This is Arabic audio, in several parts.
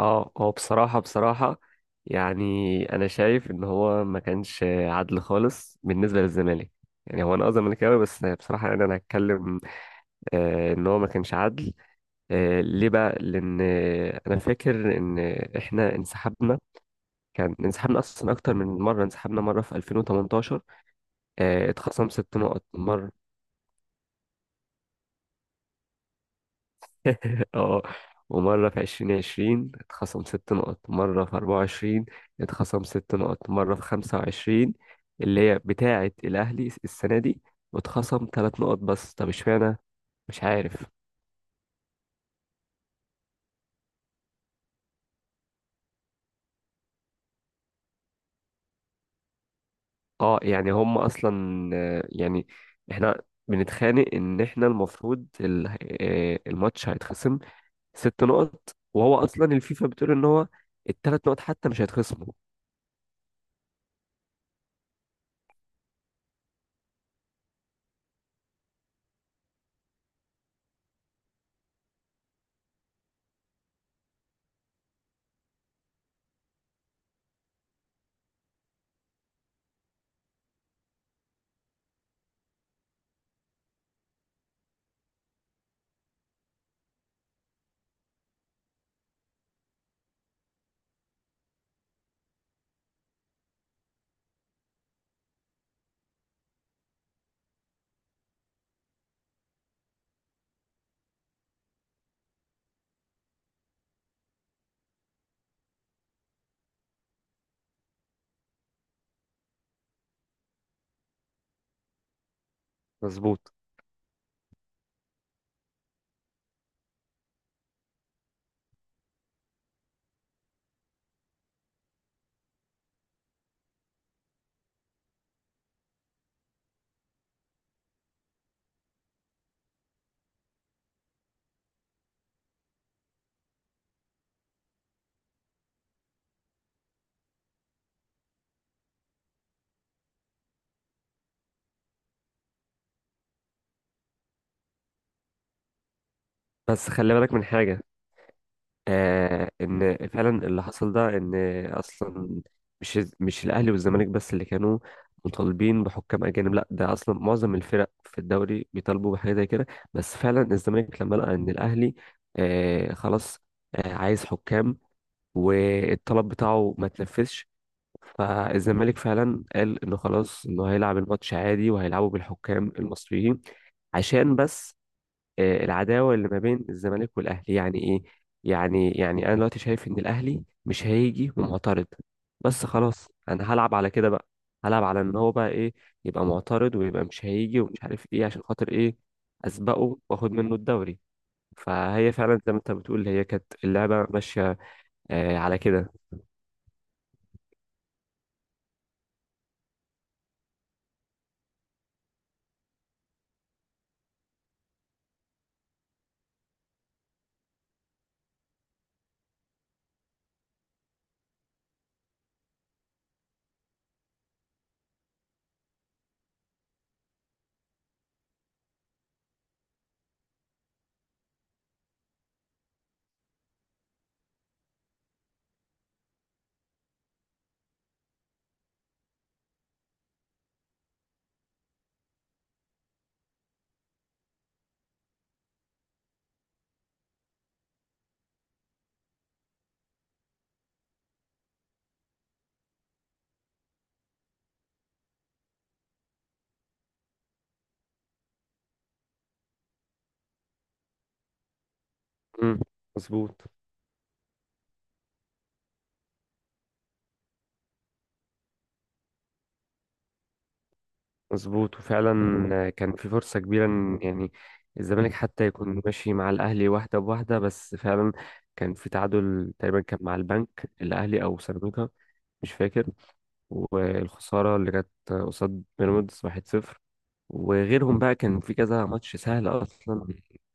اه هو بصراحة بصراحة، يعني أنا شايف إن هو ما كانش عدل خالص بالنسبة للزمالك. يعني هو أنا زملكاوي، بس بصراحة يعني أنا هتكلم إن هو ما كانش عدل. ليه بقى؟ لأن أنا فاكر إن إحنا انسحبنا، كان انسحبنا أصلا أكتر من مرة. انسحبنا مرة في 2018، اتخصم 6 نقط، مرة اه ومرة في 2020 اتخصم 6 نقط، مرة في 2024 اتخصم 6 نقط، مرة في 2025 اللي هي بتاعة الأهلي السنة دي، واتخصم 3 نقط بس. طب اشمعنى؟ مش عارف. اه يعني هم أصلا آه، يعني احنا بنتخانق إن احنا المفروض الماتش هيتخصم 6 نقط، وهو أصلا الفيفا بتقول إن هو التلات نقط حتى مش هيتخصموا. مظبوط. بس خلي بالك من حاجة، ان فعلا اللي حصل ده ان اصلا مش الاهلي والزمالك بس اللي كانوا مطالبين بحكام اجانب، لا ده اصلا معظم الفرق في الدوري بيطالبوا بحاجه زي كده. بس فعلا الزمالك لما لقى ان الاهلي خلاص عايز حكام، والطلب بتاعه ما تنفذش، فالزمالك فعلا قال انه خلاص انه هيلعب الماتش عادي، وهيلعبه بالحكام المصريين، عشان بس العداوه اللي ما بين الزمالك والاهلي يعني ايه. يعني انا دلوقتي شايف ان الاهلي مش هيجي ومعترض، بس خلاص انا هلعب على كده بقى. هلعب على ان هو بقى ايه، يبقى معترض ويبقى مش هيجي ومش عارف ايه، عشان خاطر ايه؟ اسبقه واخد منه الدوري. فهي فعلا زي ما انت بتقول، هي كانت اللعبه ماشيه على كده. مم، مظبوط. مظبوط، وفعلا كان في فرصة كبيرة إن، يعني، الزمالك حتى يكون ماشي مع الأهلي واحدة بواحدة، بس فعلا كان في تعادل تقريبا، كان مع البنك الأهلي أو سيراميكا، مش فاكر، والخسارة اللي جت قصاد بيراميدز 1-0، وغيرهم بقى كان في كذا ماتش سهل اصلا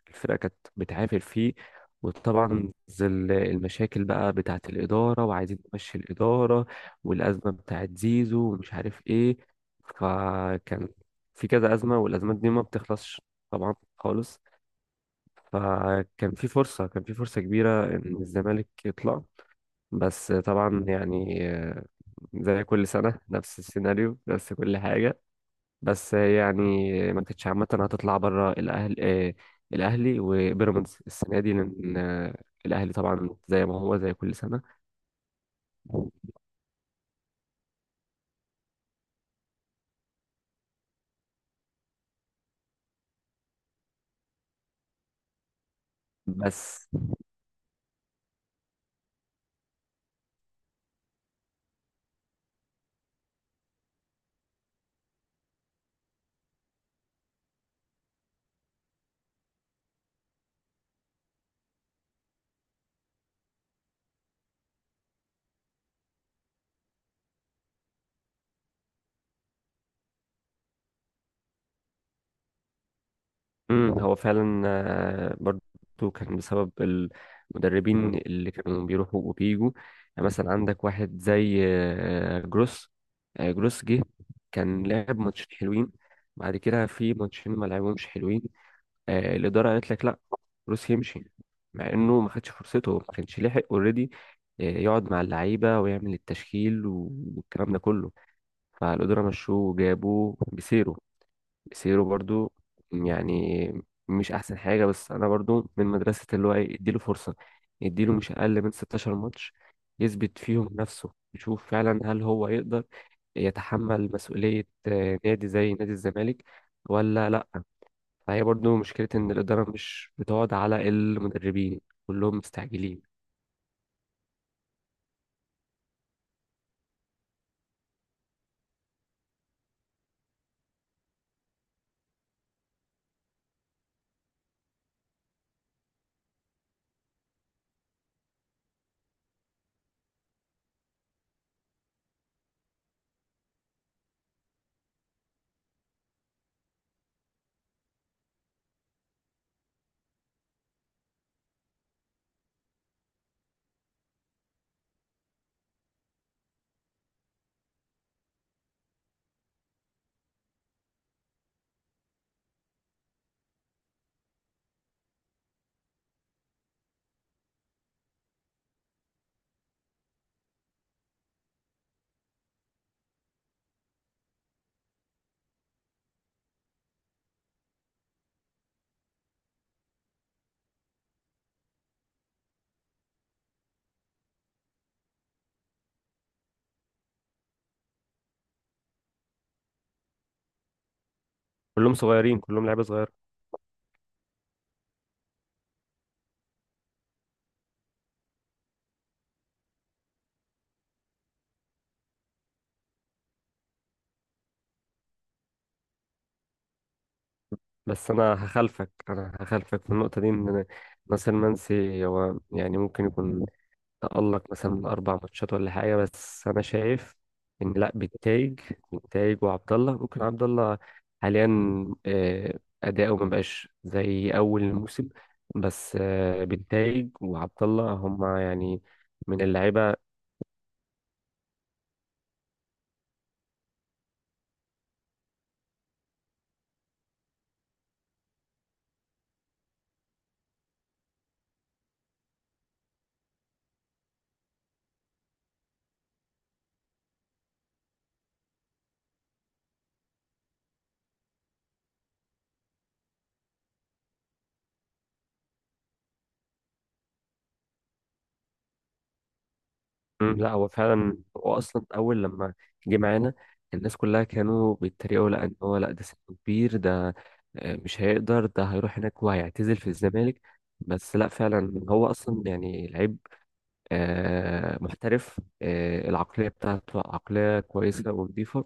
الفرقه كانت بتعافر فيه. وطبعا ظل المشاكل بقى بتاعه الاداره، وعايزين نمشي الاداره، والازمه بتاعه زيزو ومش عارف ايه، فكان في كذا ازمه، والازمات دي ما بتخلصش طبعا خالص. فكان في فرصه كان في فرصه كبيره ان الزمالك يطلع، بس طبعا يعني زي كل سنه نفس السيناريو، نفس كل حاجه. بس يعني ما كانتش عامة هتطلع بره الأهل الأهلي وبيراميدز السنة دي، لأن الأهلي طبعا زي ما هو زي كل سنة. بس هو فعلا برضو كان بسبب المدربين اللي كانوا بيروحوا وبيجوا. يعني مثلا عندك واحد زي جروس جه كان لعب ماتشين حلوين، بعد كده في ماتشين ما لعبهمش حلوين. الاداره قالت لك لا، روس يمشي، مع انه ما خدش فرصته، ما كانش لحق اوريدي يقعد مع اللعيبه ويعمل التشكيل والكلام ده كله. فالاداره مشوه وجابوا بيسيرو. بيسيرو برضو يعني مش احسن حاجه، بس انا برضو من مدرسه اللي هو ايه، اديله فرصه، اديله مش اقل من 16 ماتش يثبت فيهم نفسه، يشوف فعلا هل هو يقدر يتحمل مسؤوليه نادي زي نادي الزمالك ولا لا. فهي برضو مشكلة إن الإدارة مش بتقعد على المدربين، كلهم مستعجلين، كلهم صغيرين، كلهم لعيبة صغيرة. بس أنا هخالفك في النقطة دي، إن ناصر منسي هو يعني ممكن يكون تألق مثلا من أربع ماتشات ولا حاجة، بس أنا شايف إن لأ، بالتايج وعبد الله، ممكن عبد الله حاليا أداؤه مبقاش زي أول الموسم، بس بالتايج وعبد الله هما يعني من اللعيبة. لا هو فعلا، هو اصلا اول لما جه معانا الناس كلها كانوا بيتريقوا، لا ان هو لا، ده سنه كبير، ده مش هيقدر، ده هيروح هناك وهيعتزل في الزمالك. بس لا فعلا هو اصلا يعني لعيب محترف، العقليه بتاعته عقليه كويسه ونظيفه،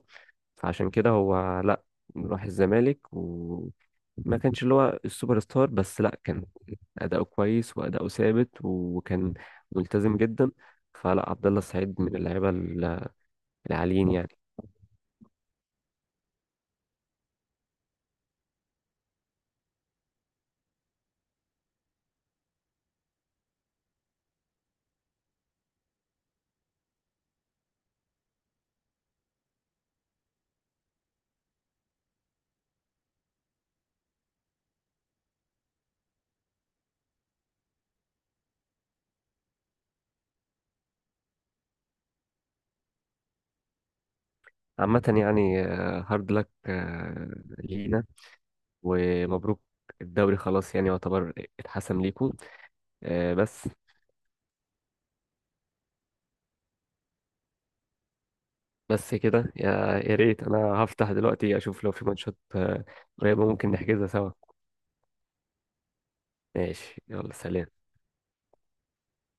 فعشان كده هو لا، راح الزمالك وما كانش اللي هو السوبر ستار، بس لا، كان أداؤه كويس وأداؤه ثابت وكان ملتزم جدا. فلا، عبد الله السعيد من اللعيبة العاليين يعني. عامة يعني هارد لك لينا، ومبروك، الدوري خلاص يعني يعتبر اتحسم ليكم بس. كده يا ريت انا هفتح دلوقتي اشوف لو في ماتشات قريبة ممكن نحجزها سوا. ماشي، يلا، سلام.